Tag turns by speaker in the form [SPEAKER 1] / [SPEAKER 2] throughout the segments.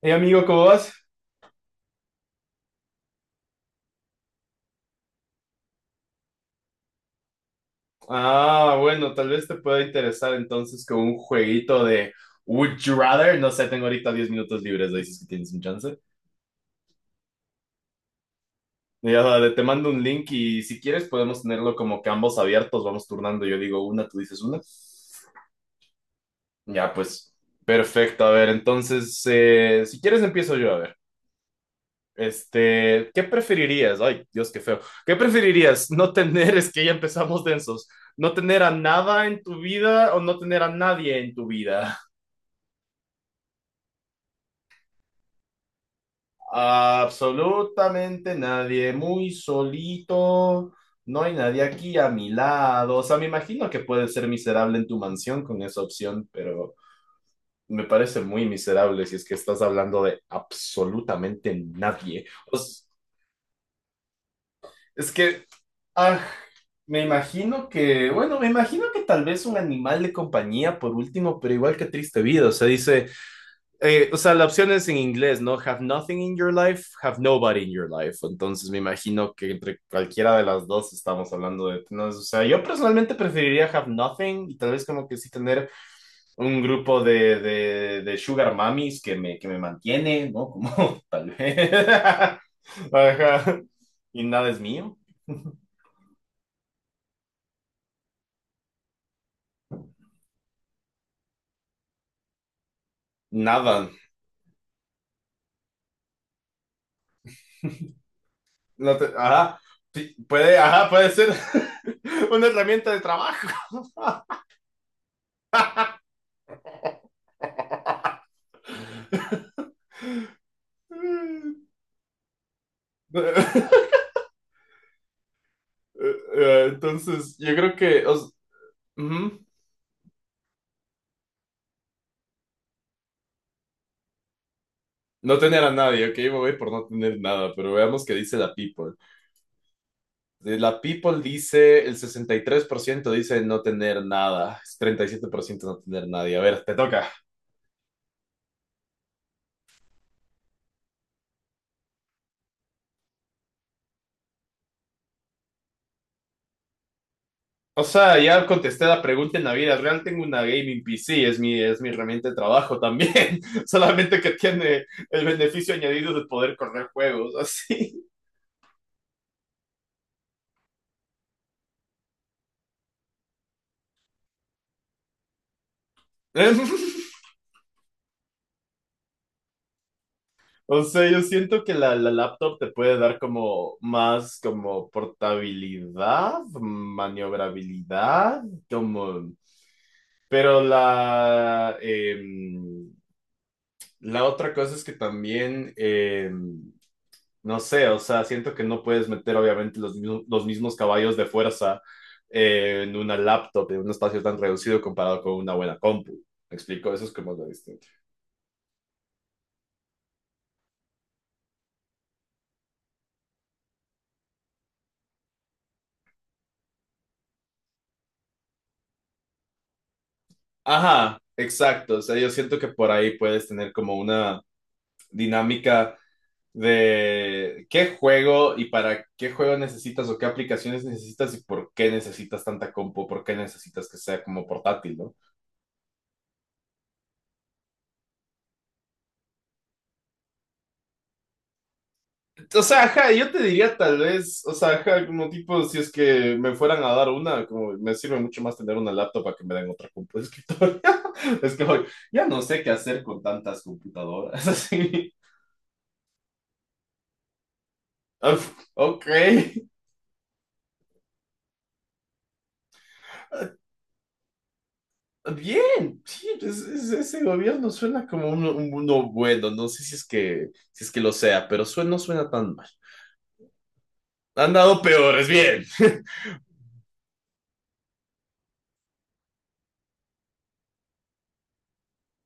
[SPEAKER 1] Hey amigo, ¿cómo vas? Ah, bueno, tal vez te pueda interesar entonces con un jueguito de Would You Rather. No sé, tengo ahorita 10 minutos libres, ¿no? Dices que tienes un chance. Ya, dale, te mando un link y si quieres podemos tenerlo como que ambos abiertos, vamos turnando. Yo digo una, tú dices una. Ya, pues, perfecto. A ver, entonces, si quieres empiezo yo, a ver. Este, ¿qué preferirías? Ay, Dios, qué feo. ¿Qué preferirías? No tener, es que ya empezamos densos. No tener a nada en tu vida o no tener a nadie en tu vida. Absolutamente nadie, muy solito. No hay nadie aquí a mi lado. O sea, me imagino que puedes ser miserable en tu mansión con esa opción, pero me parece muy miserable si es que estás hablando de absolutamente nadie. O sea, es que, ah, me imagino que, bueno, me imagino que tal vez un animal de compañía por último, pero igual que triste vida. O sea, dice, o sea, la opción es en inglés, ¿no? Have nothing in your life, have nobody in your life. Entonces me imagino que entre cualquiera de las dos estamos hablando de, ¿no? O sea, yo personalmente preferiría have nothing y tal vez como que sí tener un grupo de sugar mummies que me mantiene, ¿no? Como tal vez. Ajá. Y nada es mío. Nada. No te- ajá. Sí, puede, ajá, puede ser una herramienta de trabajo. Entonces, yo creo que os ujú. No tener a nadie, ok, me voy por no tener nada, pero veamos qué dice la People. De La People dice, el 63% dice no tener nada, es 37% no tener nadie. A ver, te toca. O sea, ya contesté la pregunta en la vida real. Tengo una gaming PC, es mi herramienta de trabajo también. Solamente que tiene el beneficio añadido de poder correr juegos, así. O sea, yo siento que la laptop te puede dar como más como portabilidad, maniobrabilidad, como... Pero la, la otra cosa es que también... no sé, o sea, siento que no puedes meter obviamente los, los mismos caballos de fuerza en una laptop, en un espacio tan reducido comparado con una buena compu. ¿Me explico? Eso es como lo distinto. Ajá, exacto. O sea, yo siento que por ahí puedes tener como una dinámica de qué juego y para qué juego necesitas o qué aplicaciones necesitas y por qué necesitas tanta compu, por qué necesitas que sea como portátil, ¿no? O sea, ajá, yo te diría tal vez, o sea, ajá, como tipo, si es que me fueran a dar una, como me sirve mucho más tener una laptop a que me den otra compu de escritorio. Es que hoy ya no sé qué hacer con tantas computadoras, así. Uf, ok. Bien, sí, pues, ese gobierno suena como uno, uno bueno, no sé si es que, si es que lo sea, pero suena, no suena tan mal. Han dado peores, bien.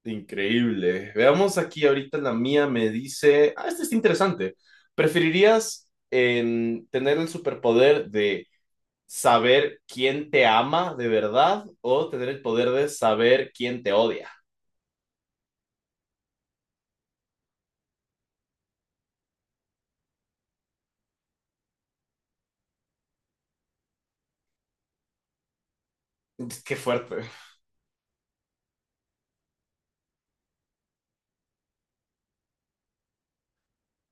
[SPEAKER 1] Increíble. Veamos aquí ahorita la mía me dice, ah, este es interesante. ¿Preferirías tener el superpoder de saber quién te ama de verdad o tener el poder de saber quién te odia? Qué fuerte.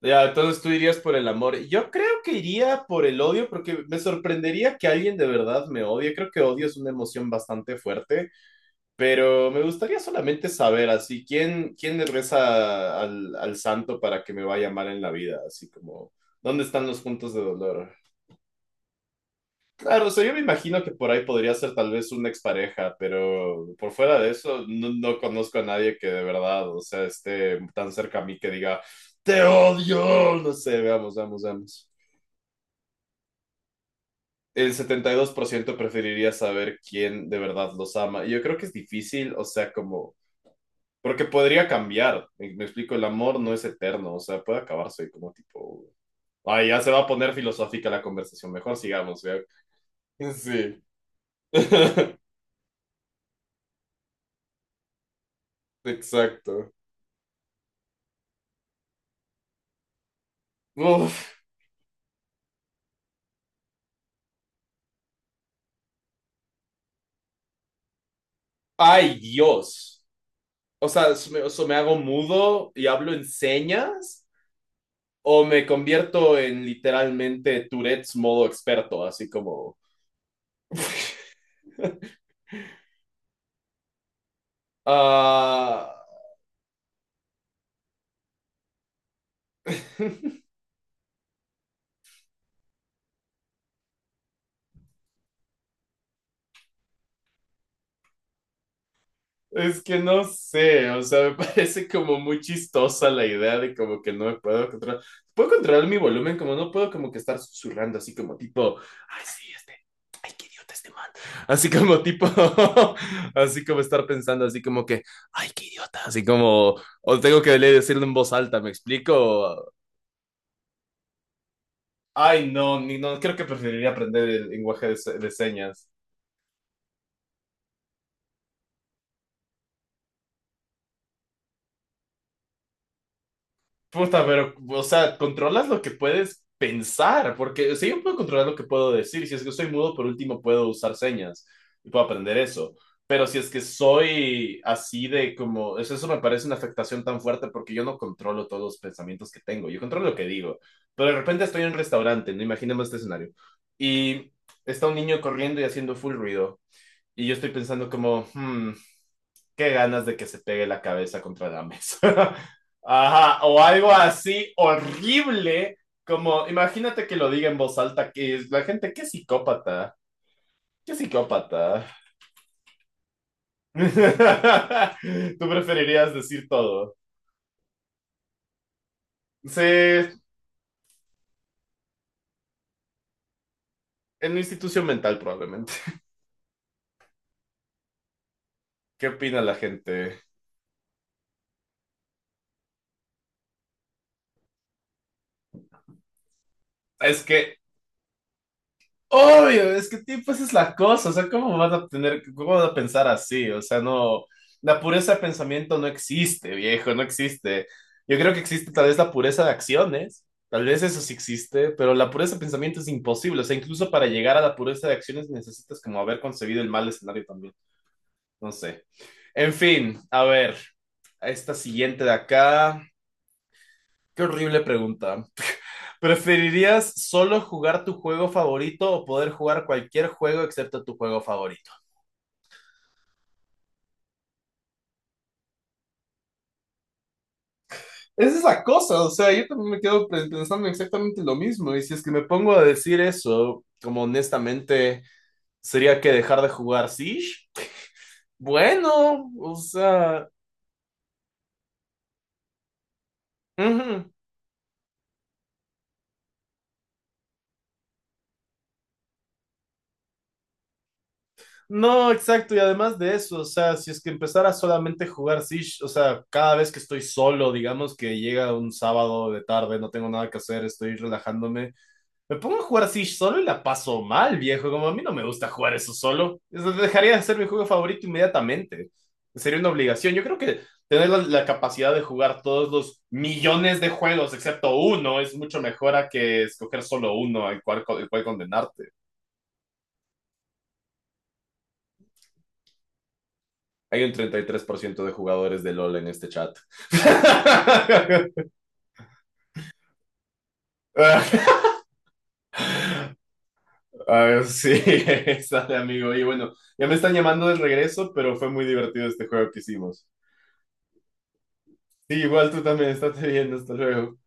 [SPEAKER 1] Ya, entonces tú irías por el amor. Yo creo que iría por el odio porque me sorprendería que alguien de verdad me odie. Creo que odio es una emoción bastante fuerte. Pero me gustaría solamente saber, así, ¿quién, quién le reza al, al santo para que me vaya mal en la vida? Así como, ¿dónde están los puntos de dolor? Claro, o sea, yo me imagino que por ahí podría ser tal vez una expareja, pero por fuera de eso, no, no conozco a nadie que de verdad, o sea, esté tan cerca a mí que diga, te odio, no sé, veamos, veamos, veamos. El 72% preferiría saber quién de verdad los ama. Y yo creo que es difícil, o sea, como... Porque podría cambiar, me explico, el amor no es eterno, o sea, puede acabarse como tipo... Ay, ya se va a poner filosófica la conversación, mejor sigamos, ¿ya? Sí, exacto. Uf. Ay, Dios. O sea, so me hago mudo y hablo en señas o me convierto en literalmente Tourette's modo experto, así como... Ah, es que no sé, o sea, me parece como muy chistosa la idea de como que no me puedo controlar. Puedo controlar mi volumen, como no puedo como que estar susurrando así como tipo, ay, sí, este, ay, qué idiota este man. Así como tipo, así como estar pensando así como que, ay, qué idiota, así como, o tengo que decirlo en voz alta, ¿me explico? Ay, no, ni, no, creo que preferiría aprender el lenguaje de, de señas. Puta, pero, o sea, controlas lo que puedes pensar, porque, o sea, yo puedo controlar lo que puedo decir. Si es que soy mudo, por último, puedo usar señas y puedo aprender eso. Pero si es que soy así de como, eso me parece una afectación tan fuerte porque yo no controlo todos los pensamientos que tengo, yo controlo lo que digo. Pero de repente estoy en un restaurante, no imaginemos este escenario, y está un niño corriendo y haciendo full ruido. Y yo estoy pensando como, hmm, qué ganas de que se pegue la cabeza contra la mesa. Ajá, o algo así horrible, como imagínate que lo diga en voz alta, que la gente, qué psicópata, qué psicópata. Tú preferirías decir todo. Sí, en una institución mental probablemente. ¿Qué opina la gente? Es que... Obvio, es que tipo, esa es la cosa, o sea, ¿cómo vas a tener, cómo vas a pensar así? O sea, no, la pureza de pensamiento no existe, viejo, no existe. Yo creo que existe tal vez la pureza de acciones, tal vez eso sí existe, pero la pureza de pensamiento es imposible, o sea, incluso para llegar a la pureza de acciones necesitas como haber concebido el mal escenario también, no sé. En fin, a ver, a esta siguiente de acá, qué horrible pregunta. ¿Preferirías solo jugar tu juego favorito o poder jugar cualquier juego excepto tu juego favorito? Esa es la cosa, o sea, yo también me quedo pensando exactamente lo mismo. Y si es que... Si me pongo a decir eso, como honestamente, sería que dejar de jugar Siege. Bueno, o sea, ujú. No, exacto, y además de eso, o sea, si es que empezara solamente a jugar Siege, o sea, cada vez que estoy solo, digamos que llega un sábado de tarde, no tengo nada que hacer, estoy relajándome, me pongo a jugar así solo y la paso mal, viejo. Como a mí no me gusta jugar eso solo. Eso dejaría de ser mi juego favorito inmediatamente. Sería una obligación. Yo creo que tener la capacidad de jugar todos los millones de juegos, excepto uno, es mucho mejor a que escoger solo uno al cual condenarte. Hay un 33% de jugadores de LOL en este chat. Ah, sí, sale amigo. Y bueno, ya me están llamando de regreso, pero fue muy divertido este juego que hicimos. Sí, igual tú también, estate bien, hasta luego.